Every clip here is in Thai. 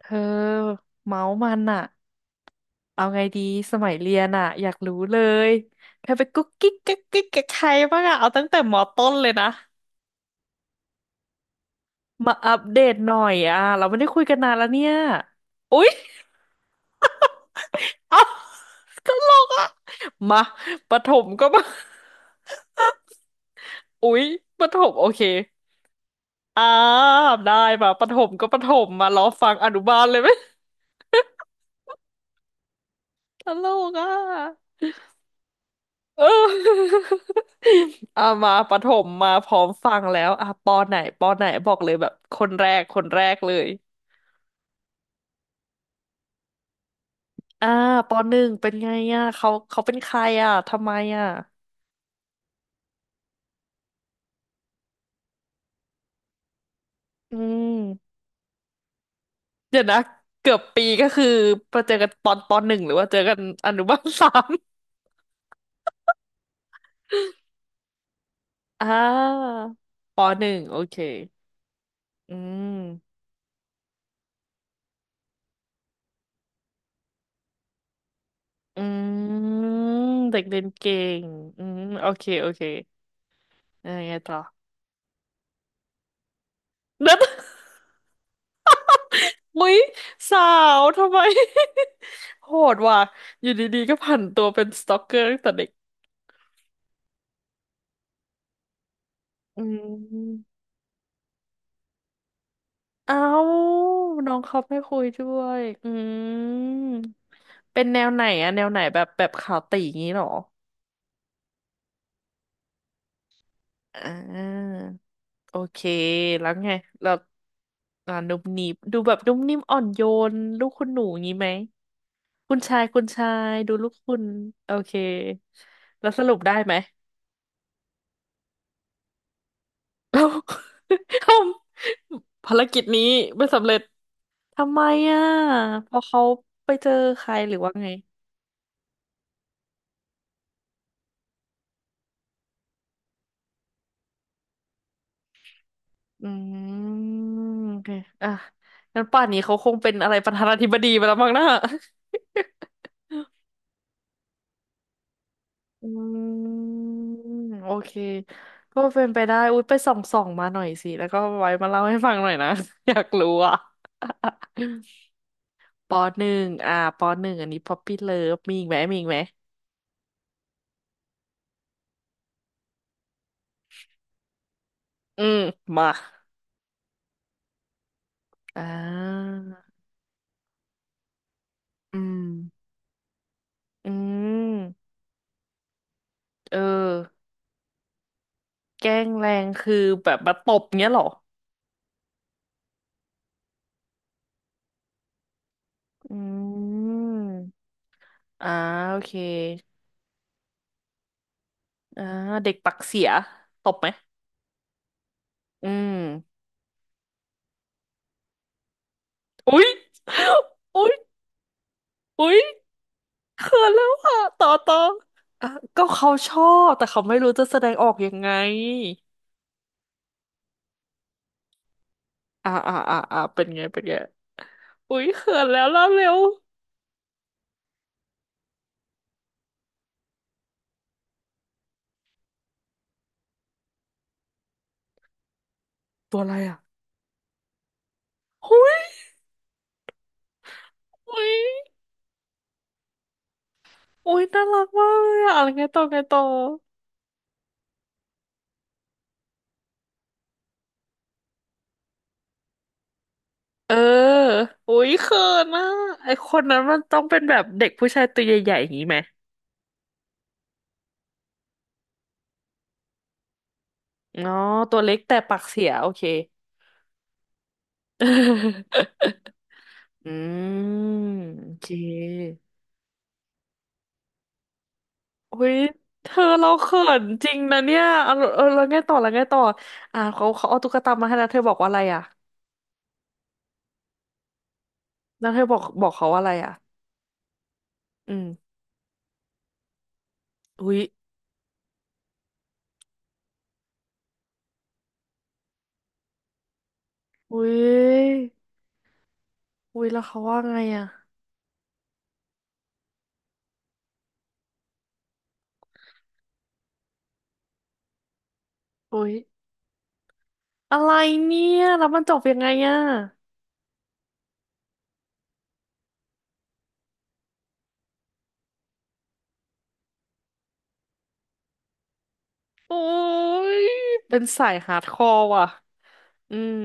เธอเมาส์มันอะเอาไงดีสมัยเรียนอะอยากรู้เลยเธอไปกุ๊กกิ๊กกิ๊กกิ๊กกับใครบ้างอะเอาตั้งแต่มอต้นเลยนะมาอัปเดตหน่อยอะเราไม่ได้คุยกันนานแล้วเนี่ยอุ๊ย เอาตลกอะมาประถมก็มาอุ๊ยประถมโอเคอ่าได้มาประถมก็ประถมมารอฟังอนุบาลเลยไหม ตลกอะ เออ อ่ะมาประถมมาพร้อมฟังแล้วอ่ะปอไหนปอไหนบอกเลยแบบคนแรกคนแรกเลยอ่าปอหนึ่งเป็นไงอ่ะเขาเป็นใครอ่ะทำไมอ่ะอืมเดี๋ยวนะเกือบปีก็คือมาเจอกันตอนปหนึ่งหรือว่าเจอกันอนุบาลสามอ่าปหนึ่งโอเคอืมอืมเด็กเรียนเก่งอืมโอเคโอเคยังไงต่อ เด็ด อุ๊ยสาวทำไม โหดว่ะอยู่ดีๆก็ผันตัวเป็นสตอกเกอร์ตั้งแต่เด็กอืมเอ้าน้องเขาไม่คุยด้วยอืมเป็นแนวไหนอะแนวไหนแบบแบบขาวตีงี้เหรออ่าโอเคแล้วไงแล้วอ่านุ่มนิ่มดูแบบนุ่มนิ่มอ่อนโยนลูกคุณหนูงี้ไหมคุณชายคุณชายดูลูกคุณโอเคแล้วสรุปได้ไหม เราทำภารกิจนี้ไม่สำเร็จทำไมอ่ะเพอเขาไปเจอใครหรือว่าไงอืมโอเคอ่ะงั้นป่านนี้เขาคงเป็นอะไรประธานาธิบดีไปแล้วมั้งนะ อืมโอเคก็เป็นไปได้อุ๊ยไปส่องส่องมาหน่อยสิแล้วก็ไว้มาเล่าให้ฟังหน่อยนะ อยากรู้อ่ะ ปอหนึ่งอ่าปอหนึ่งอันนี้ Poppy Love มีอีกไหมมีอีกไหมอืมมาอ่า อืมอืมเออแกล้งแรงคือแบบมาตบเงี้ยเหรออืมอ่าโอเคอ่าเด็กปักเสียตบไหมอืมอุ๊ยอุ๊ยอุ๊ยเขินแล้วอ่ะต่อต่ออ่ะก็เขาชอบแต่เขาไม่รู้จะแสดงออกยังไงอ่าอ่าอ่าอ่าเป็นไงเป็นไงอุ๊ยเขินแล้วเล่าเร็วตัวอะไรอ่ะอุ๊ยอุ๊ยอุ๊ยน่ารักมากเลยอ่ะอะไรไงต่อไงต่อ เอออุ้ยเขินอ่ะไอคนนั้นมันต้องเป็นแบบเด็กผู้ชายตัวใหญ่ๆอย่างนี้ไหมอ๋อตัวเล็กแต่ปากเสียโอเค อืมโอเคอุ้ยเธอเราเขินจริงนะเนี่ยเอาเออแล้วไงต่อแล้วไงต่ออ่าเขาเอาตุ๊กตามาให้แล้วเธอบอกว่าอะไรอ่ะแล้วเธอบอกเขาว่าอะไรอ่ะอืมอุ้ยอุ้ยอุ้ยแล้วเขาว่าไงอ่ะอุ้ยอะไรเนี่ยแล้วมันจบยังไงอ่ะ โอ้ยเป็นสายฮาร์ดคอร์ว่ะอืม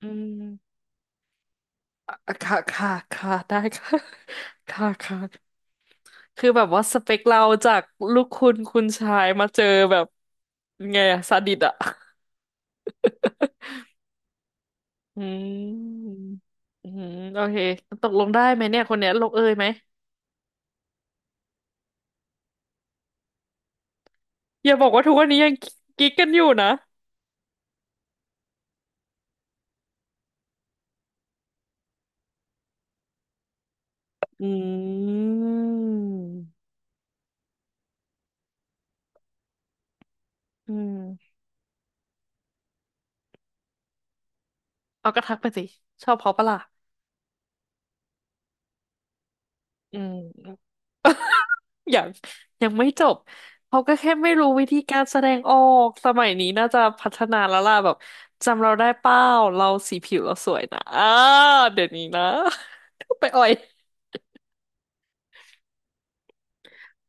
อืมอ่ะค่ะค่ะค่ะได้ค่ะ ค่ะค่ะคือแบบว่าสเปคเราจากลูกคุณชายมาเจอแบบไงอะซาดิสอะอืมอืมโอเคตกลงได้ไหมเนี่ยคนเนี้ยลงเอยไหมอย่าบอกว่าทุกวันนี้ยังกิ๊กกันอยู่นะอืมอืมเอากระทักไปสิชอบเขาปะล่ะอืม อยังไม่จบเขาก็แค่ไม่รู้วิธีการแสดงออกสมัยนี้น่าจะพัฒนาแล้วล่ะแบบจำเราได้เป้าเราสีผิวเราสวยนะอ้าเดี๋ยวนี้นะ ไปอ่อย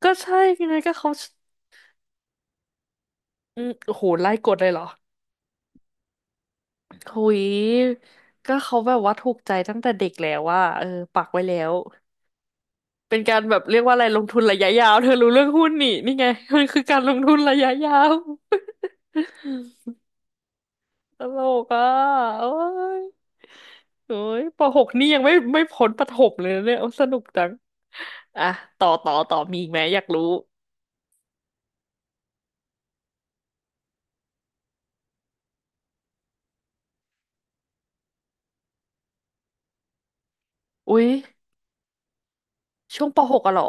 ก็ใช่ไงก็เขาอืมโอ้โหไล่กดเลยเหรอหุยก็เขาแบบว่าถูกใจตั้งแต่เด็กแล้วว่าเออปักไว้แล้วเป็นการแบบเรียกว่าอะไรลงทุนระยะยาวเธอรู้เรื่องหุ้นนี่ไง มันคือการลงทุนระยะยาว ตลกอ่ะโอ้ยโอ้ยปหกนี่ยังไม่พ้นประถมเลยนะเนี่ยโอ้สนุกจังอ่ะต่อมีอีกไหมอยากรู้ อุ๊ยช่วงปหกอะเหรอ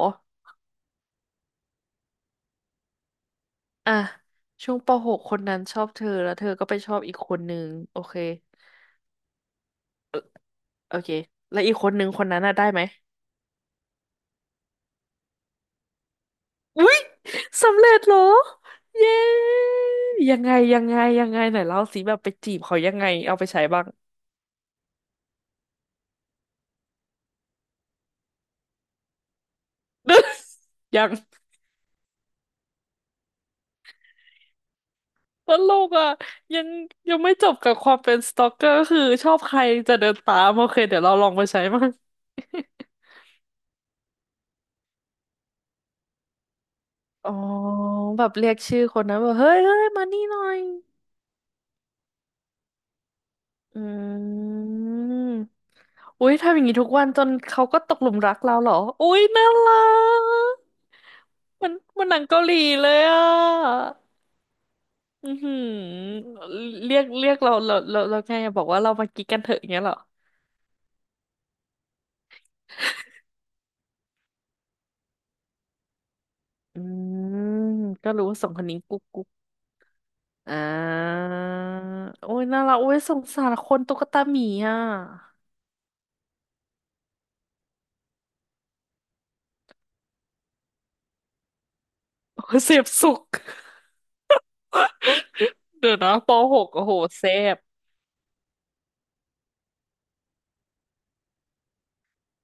อ่ะช่วงปหกคนนั้นชอบเธอแล้วเธอก็ไปชอบอีกคนนึงโอเคโอเค แล้วอีกคนนึงคนนั้นน่ะได้ไหมอุ๊ยสำเร็จเหรอเย้ยังไงไหนเล่าสิแบบไปจีบเขายังไงเอาไปใช้บ้าง ยัง ตลกอ่ะยังไม่จบกับความเป็นสตอกเกอร์คือชอบใครจะเดินตามโอเคเดี๋ยวเราลองไปใช้มั้างอ๋อแบบเรียกชื่อคนนั้นแบบเฮ้ยมานี่หน่อยอืมอุ้ยทำอย่างนี้ทุกวันจนเขาก็ตกหลุมรักเราเหรออุ้ยน่ารักมันมันหนังเกาหลีเลยอ่ะอือหือเรียกเราไงอะบอกว่าเรามากิ๊กกันเถอะอย่างเงี้ยเหรออืมก็รู้ว่าสองคนนี้กุ๊ก อ่าโอ้ยน่ารักโอ้ยสงสารคนตุ๊กตาหมีอ่ะ โอ้ยเสพสุขเดี๋ยวนะปหกโอ้โหเสพ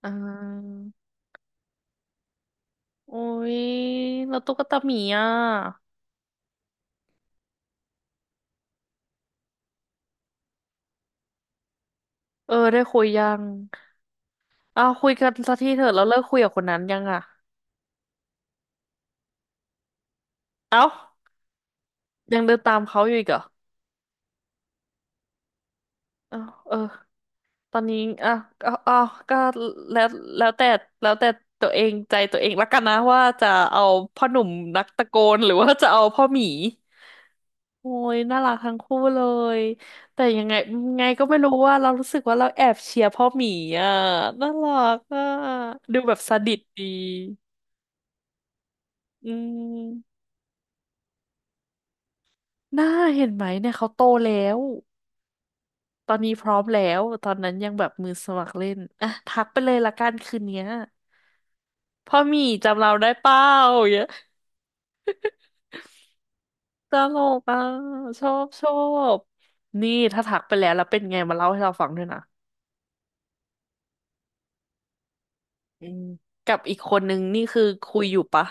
อ่าโอ้ยแล้วตุ๊กตาหมีอ่ะ เออได้คุยยังอ้าวคุยกันสักทีเถอะแล้วเลิกคุยกับคนนั้นยังอ่ะเอ้ายังเดินตามเขาอยู่อีกเหรอเอ้าเออ ตอนนี้อ่ะเอาเอาวก็แล้ว แล้วแต่ แล้วแต่ตัวเองใจตัวเองละกันนะว่าจะเอาพ่อหนุ่มนักตะโกนหรือว่าจะเอาพ่อหมี โอ้ยน่ารักทั้งคู่เลยแต่ยังไงไงก็ไม่รู้ว่าเรารู้สึกว่าเราแอบเชียร์พ่อหมีอ่ะน่ารักอ่ะดูแบบสดิตดีอืมน่าเห็นไหมเนี่ยเขาโตแล้วตอนนี้พร้อมแล้วตอนนั้นยังแบบมือสมัครเล่นอ่ะทักไปเลยละกันคืนเนี้ยพ่อหมีจำเราได้เปล่าอย่างเงี้ยตลกอ่ะชอบนี่ถ้าทักไปแล้วแล้วเป็นไงมาเล่าให้เราฟังด้วยนะอืมกับอีกคนนึงนี่คือคุยอยู่ปะ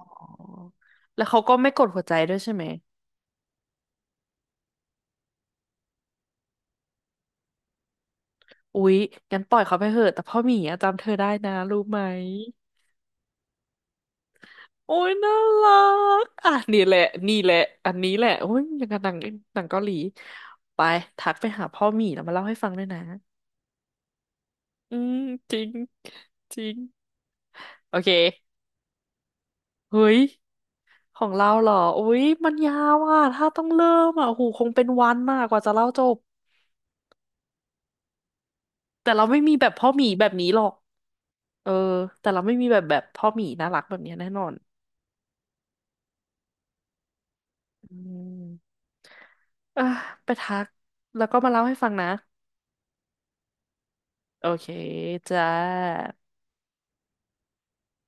อ๋อแล้วเขาก็ไม่กดหัวใจด้วยใช่ไหมอุ๊ยงั้นปล่อยเขาไปเถอะแต่พ่อหมีอะจำเธอได้นะรู้ไหมโอ้ยน่ารักอ่ะนี่แหละอันนี้แหละโอ้ยอย่างกับหนังหนังเกาหลีไปทักไปหาพ่อหมีแล้วมาเล่าให้ฟังด้วยนะอืมจริงจริงโอเคเฮ้ยของเราเหรออุ๊ยมันยาวอ่ะถ้าต้องเริ่มอ่ะโอ้โหคงเป็นวันมากกว่าจะเล่าจบแต่เราไม่มีแบบพ่อหมีแบบนี้หรอกเออแต่เราไม่มีแบบพ่อหมีน่ารักแบบนี้แน่นอน อืมอ่ะไปทักแล้วก็มาเล่าให้ฟังนะโอเคจ้า